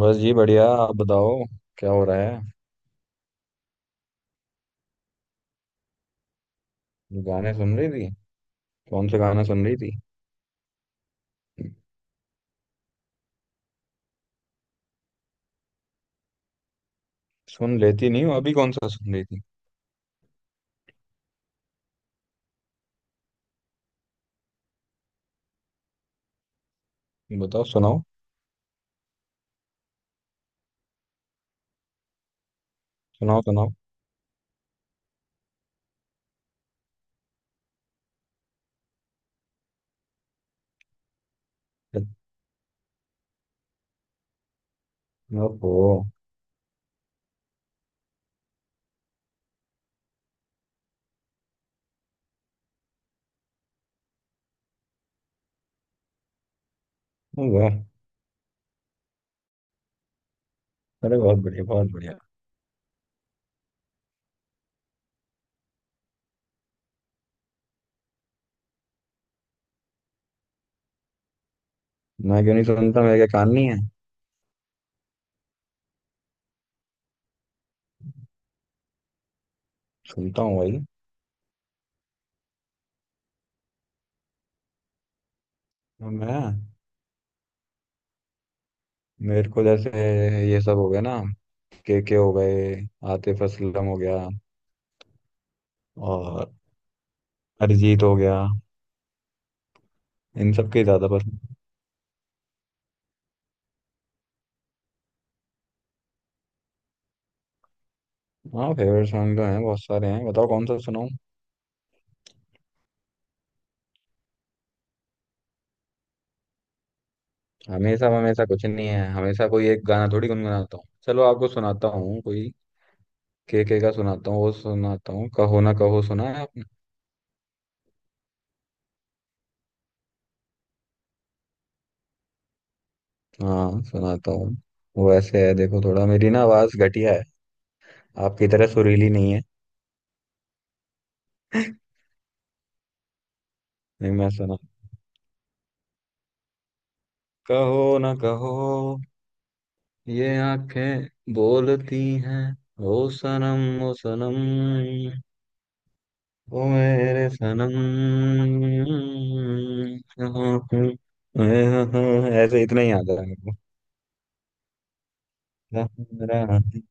बस जी बढ़िया। आप बताओ क्या हो रहा है। गाने सुन रही थी। कौन से गाना सुन रही थी। सुन लेती नहीं हूँ, अभी कौन सा सुन रही थी। बताओ सुनाओ। सुनाओ सुनाओ। ओहो। वाह। अरे बहुत बढ़िया, बहुत बढ़िया। मैं क्यों नहीं सुनता, मेरे क्या कान नहीं है। सुनता हूँ भाई। और मैं, मेरे को जैसे ये सब हो गया ना, के हो गए, आतिफ असलम हो गया, और अरिजीत हो गया। इन सब के ज्यादा पसंद। हाँ फेवरेट सॉन्ग तो हैं, बहुत सारे हैं, बताओ कौन सा सुनाऊं। हमेशा हमेशा कुछ नहीं है, हमेशा कोई एक गाना थोड़ी गुनगुनाता हूँ। चलो आपको सुनाता हूँ कोई। के का सुनाता हूँ, वो सुनाता हूँ, कहो ना कहो, सुना है आपने। हाँ सुनाता हूँ। वो ऐसे है देखो, थोड़ा मेरी ना आवाज घटिया है, आपकी तरह सुरीली नहीं है। नहीं मैं सुना, कहो ना कहो, ये आंखें बोलती हैं, ओ सनम ओ सनम, ओ मेरे सनम। ऐसे इतना ही आता है। रात-।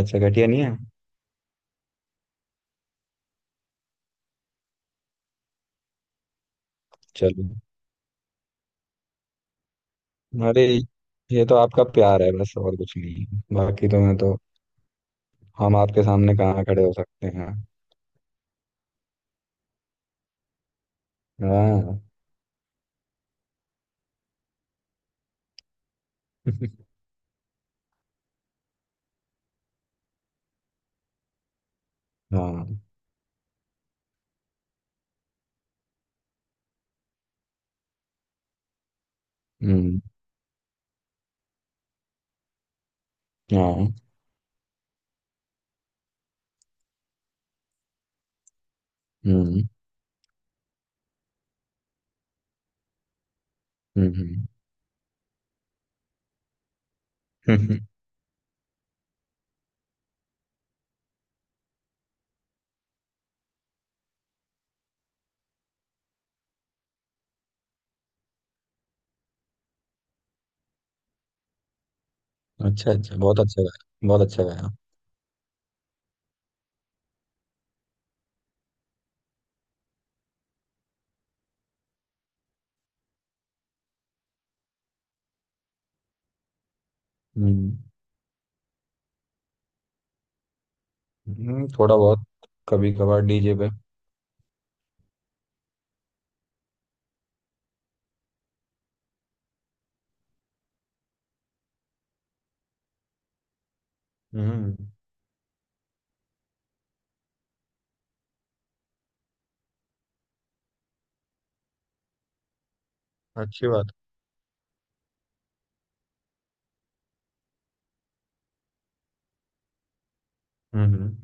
अच्छा घटिया नहीं है। चलो। अरे ये तो आपका प्यार है, बस और कुछ नहीं। बाकी तो मैं हम आपके सामने कहाँ खड़े हो सकते हैं। हाँ। हाँ। हम्म। हाँ। हम्म। हम्म। हम्म। अच्छा अच्छा, बहुत अच्छा गाया, बहुत अच्छा गाया। हम्म। थोड़ा बहुत, कभी कभार डीजे पे। हम्म। अच्छी बात। हम्म।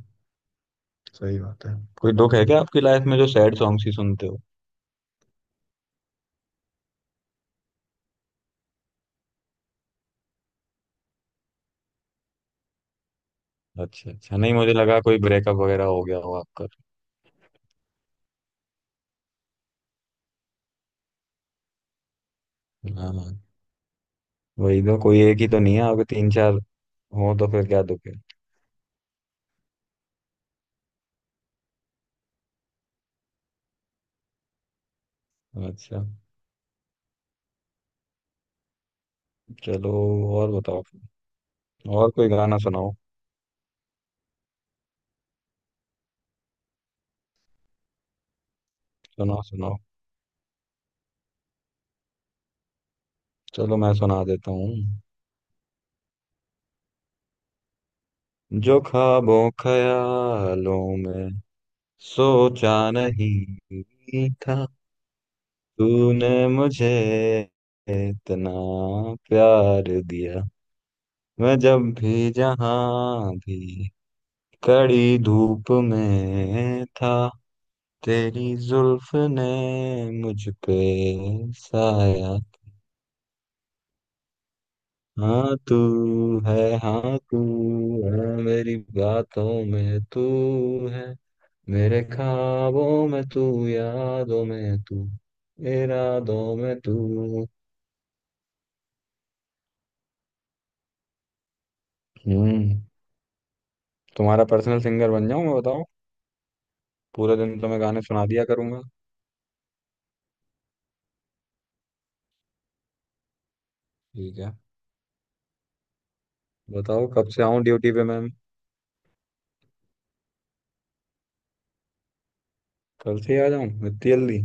सही बात है। कोई दुख है क्या आपकी लाइफ में, जो सैड सॉन्ग्स ही सुनते हो। अच्छा अच्छा, नहीं मुझे लगा कोई ब्रेकअप वगैरह हो गया हो आपका। हाँ हाँ, वही तो, कोई एक ही तो नहीं है आपके, तीन चार हो तो फिर क्या दुख है। अच्छा। चलो और बताओ फिर। और कोई गाना सुनाओ। सुनाओ सुनाओ। चलो मैं सुना देता हूँ। जो ख्वाबों ख्यालों में सोचा नहीं था, तूने मुझे इतना प्यार दिया। मैं जब भी जहां भी कड़ी धूप में था, तेरी जुल्फ ने मुझ पे साया। हाँ तू है, हाँ तू है, मेरी बातों में तू है, मेरे ख्वाबों में तू, यादों में तू, इरादों में तू। हम्म। तुम्हारा पर्सनल सिंगर बन जाऊं मैं, बताओ। पूरे दिन तो मैं गाने सुना दिया करूंगा। ठीक है। बताओ कब से आऊं ड्यूटी पे मैम। कल से ही आ जाऊं, इतनी जल्दी।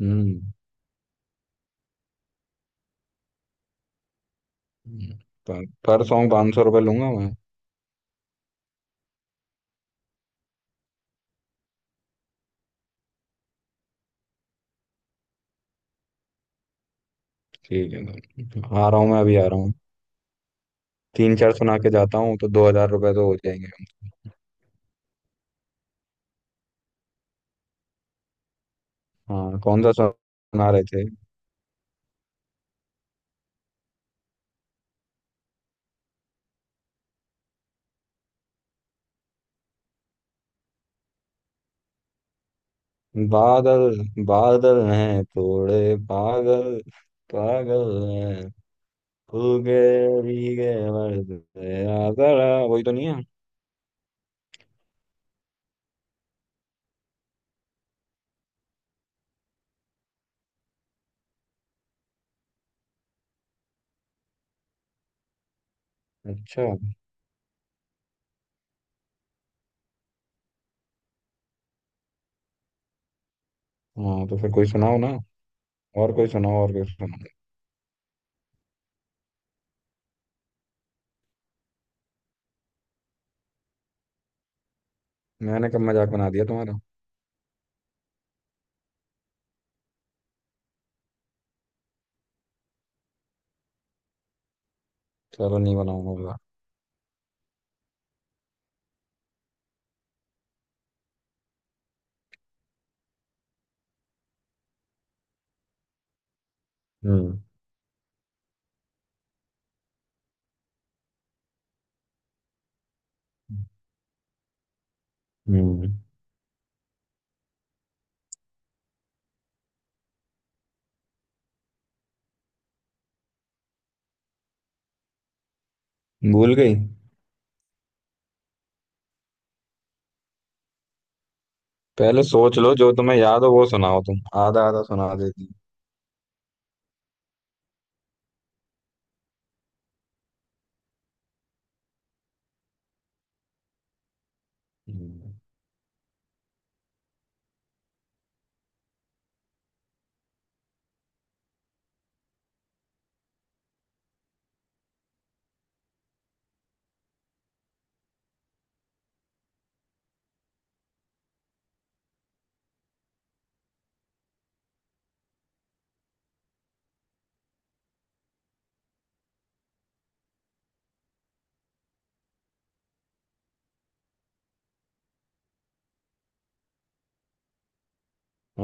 हम्म। हम्म, पर सॉन्ग 500 रुपये लूंगा मैं। ठीक है तो आ रहा हूँ, मैं अभी आ रहा हूँ। तीन चार सुना के जाता हूँ तो 2,000 रुपये तो हो जाएंगे। हाँ कौन सा सुना रहे थे। बादल, बादल हैं थोड़े पागल, पागल हैं, उगे भीगे मर्द, आजरा वही तो नहीं है। अच्छा। हाँ तो फिर कोई सुनाओ ना। और कोई सुनाओ, और कोई सुनाओ। मैंने कब मजाक बना दिया तुम्हारा। चलो नहीं बनाऊंगा अब। हम्म। हम्म। भूल गई। पहले सोच लो, जो तुम्हें याद हो वो सुनाओ, तुम आधा आधा सुना देती। हम्म,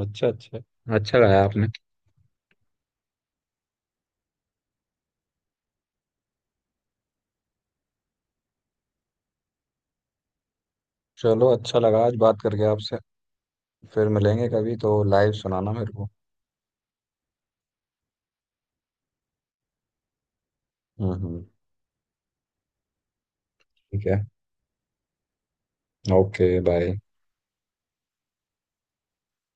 अच्छा अच्छा। अच्छा गाया आपने। चलो अच्छा लगा आज बात करके आपसे। फिर मिलेंगे कभी तो लाइव सुनाना मेरे को। हम्म हम्म, ठीक है। Okay bye.